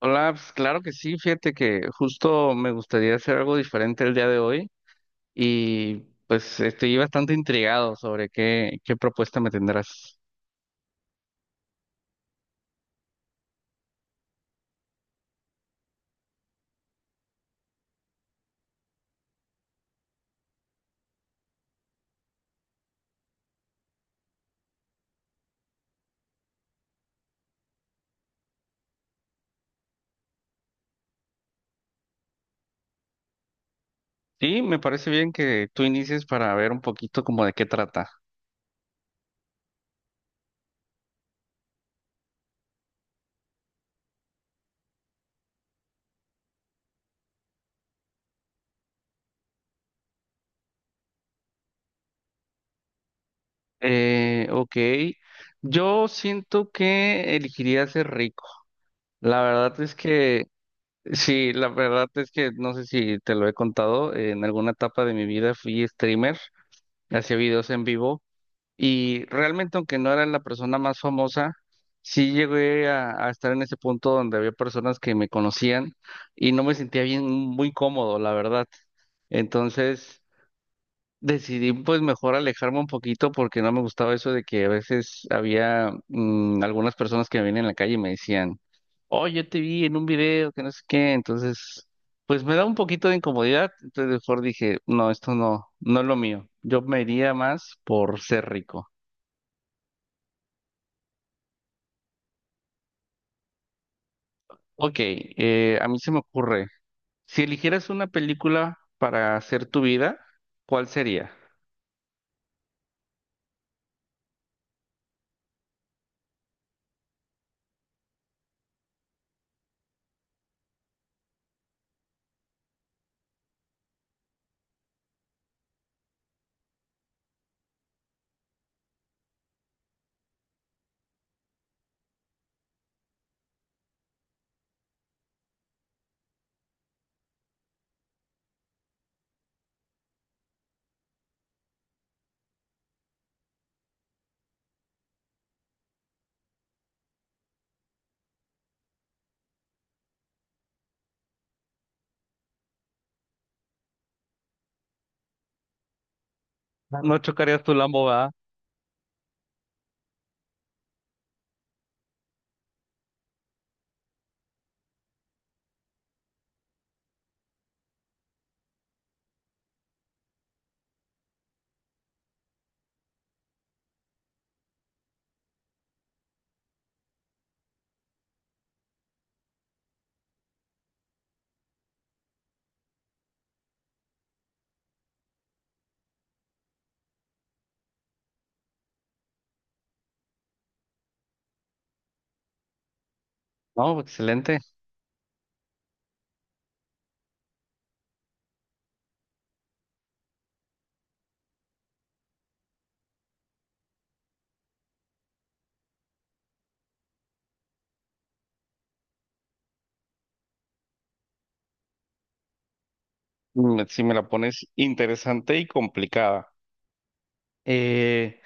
Hola, pues claro que sí, fíjate que justo me gustaría hacer algo diferente el día de hoy y pues estoy bastante intrigado sobre qué propuesta me tendrás. Sí, me parece bien que tú inicies para ver un poquito como de qué trata. Ok, yo siento que elegiría ser rico. La verdad es que, sí, la verdad es que no sé si te lo he contado, en alguna etapa de mi vida fui streamer, hacía videos en vivo. Y realmente, aunque no era la persona más famosa, sí llegué a estar en ese punto donde había personas que me conocían y no me sentía bien, muy cómodo, la verdad. Entonces decidí pues mejor alejarme un poquito porque no me gustaba eso de que a veces había algunas personas que me venían en la calle y me decían, oh yo te vi en un video, que no sé qué. Entonces, pues me da un poquito de incomodidad. Entonces mejor dije, no, esto no, no es lo mío. Yo me iría más por ser rico. Ok, a mí se me ocurre, si eligieras una película para hacer tu vida, ¿cuál sería? No chocarías tu Lambo, ¿verdad? No, excelente. Mm, si me la pones interesante y complicada. Eh,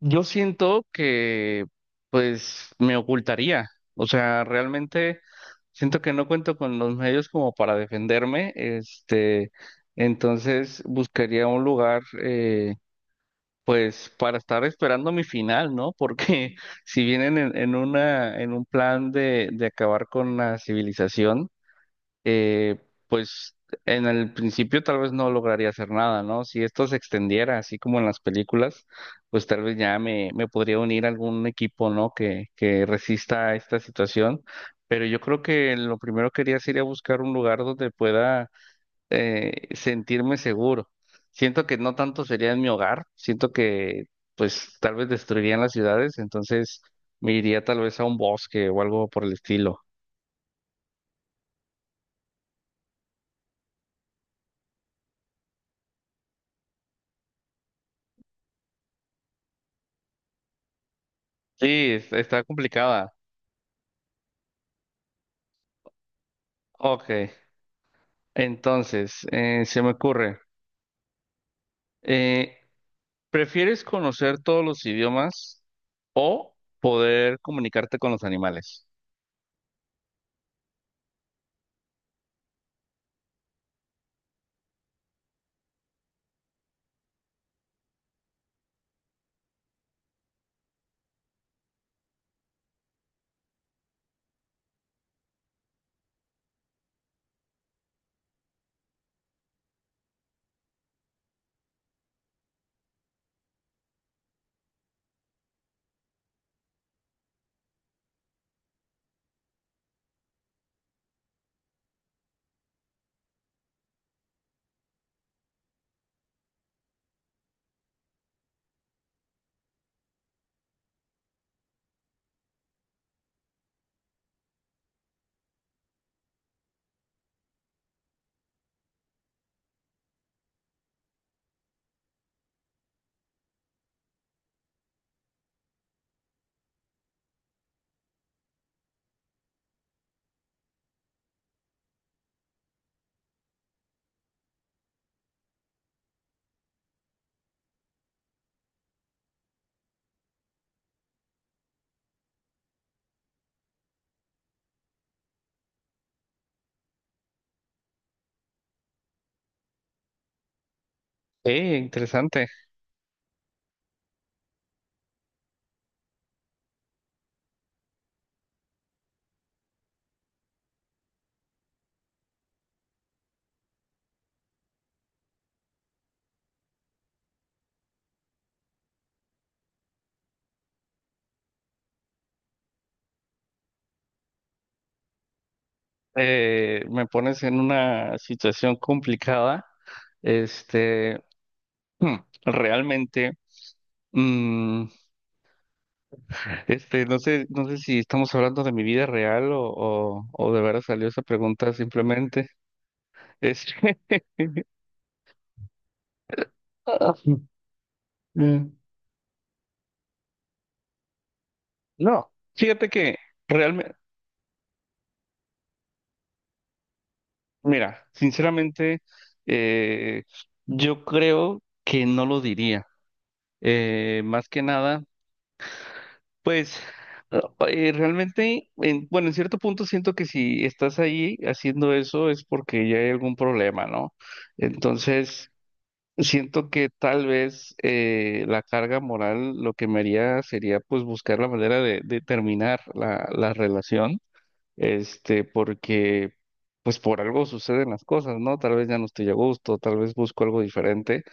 yo siento que, pues, me ocultaría. O sea, realmente siento que no cuento con los medios como para defenderme. Este, entonces buscaría un lugar, pues para estar esperando mi final, ¿no? Porque si vienen en una, en un plan de acabar con la civilización, eh, pues en el principio tal vez no lograría hacer nada, ¿no? Si esto se extendiera así como en las películas, pues tal vez ya me podría unir a algún equipo, ¿no? Que resista a esta situación. Pero yo creo que lo primero que haría sería buscar un lugar donde pueda, sentirme seguro. Siento que no tanto sería en mi hogar, siento que pues tal vez destruirían las ciudades, entonces me iría tal vez a un bosque o algo por el estilo. Sí, está complicada. Ok, entonces, se me ocurre, eh, ¿prefieres conocer todos los idiomas o poder comunicarte con los animales? Sí, interesante. Me pones en una situación complicada. Este, Hmm, realmente, mm, este, no sé, no sé si estamos hablando de mi vida real o de veras salió esa pregunta simplemente. Este, ah, Mm, no, fíjate que realmente, mira, sinceramente, eh, yo creo que no lo diría. Más que nada, pues ah, realmente, bueno, en cierto punto siento que si estás ahí haciendo eso es porque ya hay algún problema, ¿no? Entonces, siento que tal vez, la carga moral lo que me haría sería pues buscar la manera de terminar la relación, este, porque pues por algo suceden las cosas, ¿no? Tal vez ya no estoy a gusto, tal vez busco algo diferente,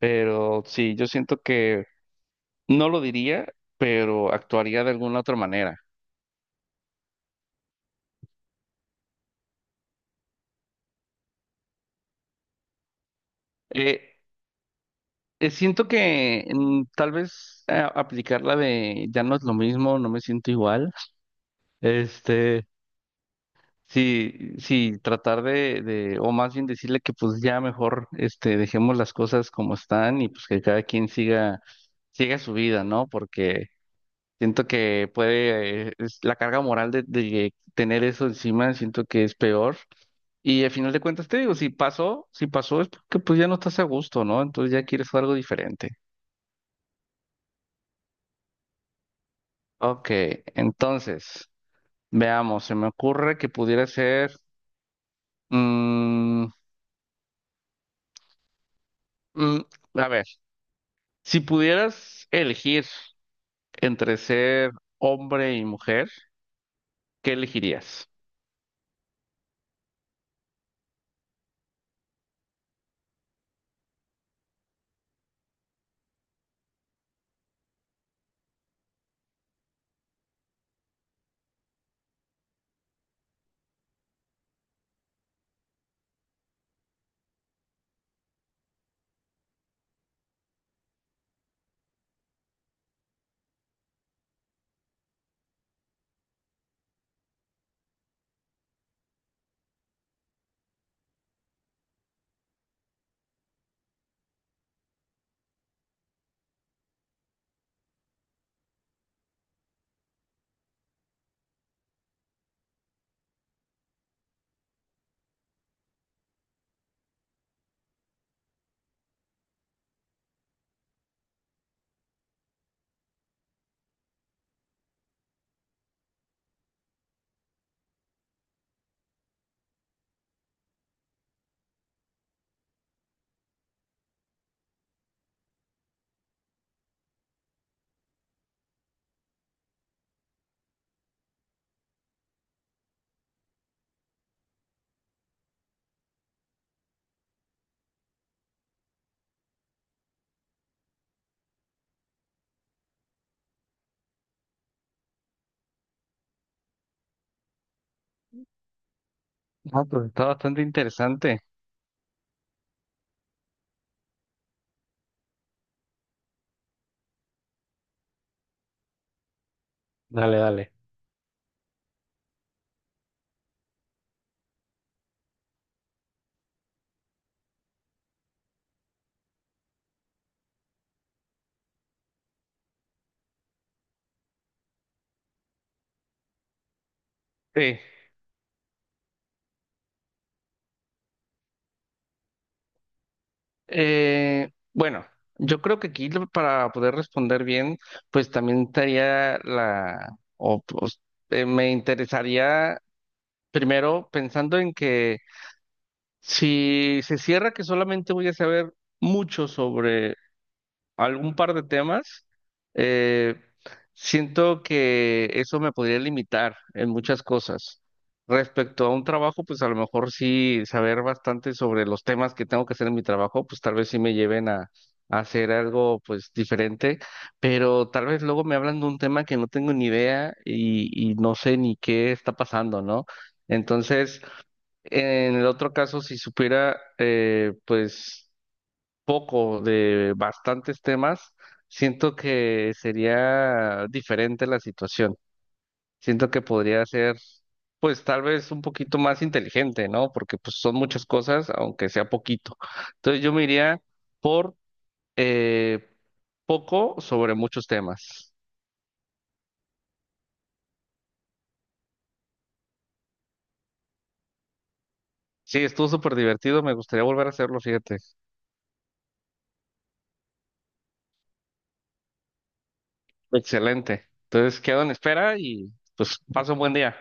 pero sí, yo siento que no lo diría, pero actuaría de alguna otra manera. Eh, Siento que tal vez, aplicar la de ya no es lo mismo, no me siento igual. Este, sí, sí, tratar de, o más bien decirle que pues ya mejor, este, dejemos las cosas como están y pues que cada quien siga, siga su vida, ¿no? Porque siento que puede, la carga moral de tener eso encima, siento que es peor. Y al final de cuentas te digo, si pasó, si pasó es porque pues ya no estás a gusto, ¿no? Entonces ya quieres algo diferente. Ok, entonces, veamos, se me ocurre que pudiera ser, mm, mm, a ver. Si pudieras elegir entre ser hombre y mujer, ¿qué elegirías? Ah, pues está bastante interesante. Dale, dale. Sí. Bueno, yo creo que aquí para poder responder bien, pues también estaría la, o pues, me interesaría primero pensando en que si se cierra que solamente voy a saber mucho sobre algún par de temas, eh, siento que eso me podría limitar en muchas cosas. Respecto a un trabajo, pues a lo mejor sí saber bastante sobre los temas que tengo que hacer en mi trabajo, pues tal vez sí me lleven a hacer algo pues diferente, pero tal vez luego me hablan de un tema que no tengo ni idea y no sé ni qué está pasando, ¿no? Entonces, en el otro caso, si supiera, pues poco de bastantes temas, siento que sería diferente la situación. Siento que podría ser, pues tal vez un poquito más inteligente, ¿no? Porque pues son muchas cosas, aunque sea poquito. Entonces yo me iría por, eh, poco sobre muchos temas. Sí, estuvo súper divertido, me gustaría volver a hacerlo, fíjate. Excelente. Entonces quedo en espera y pues paso un buen día.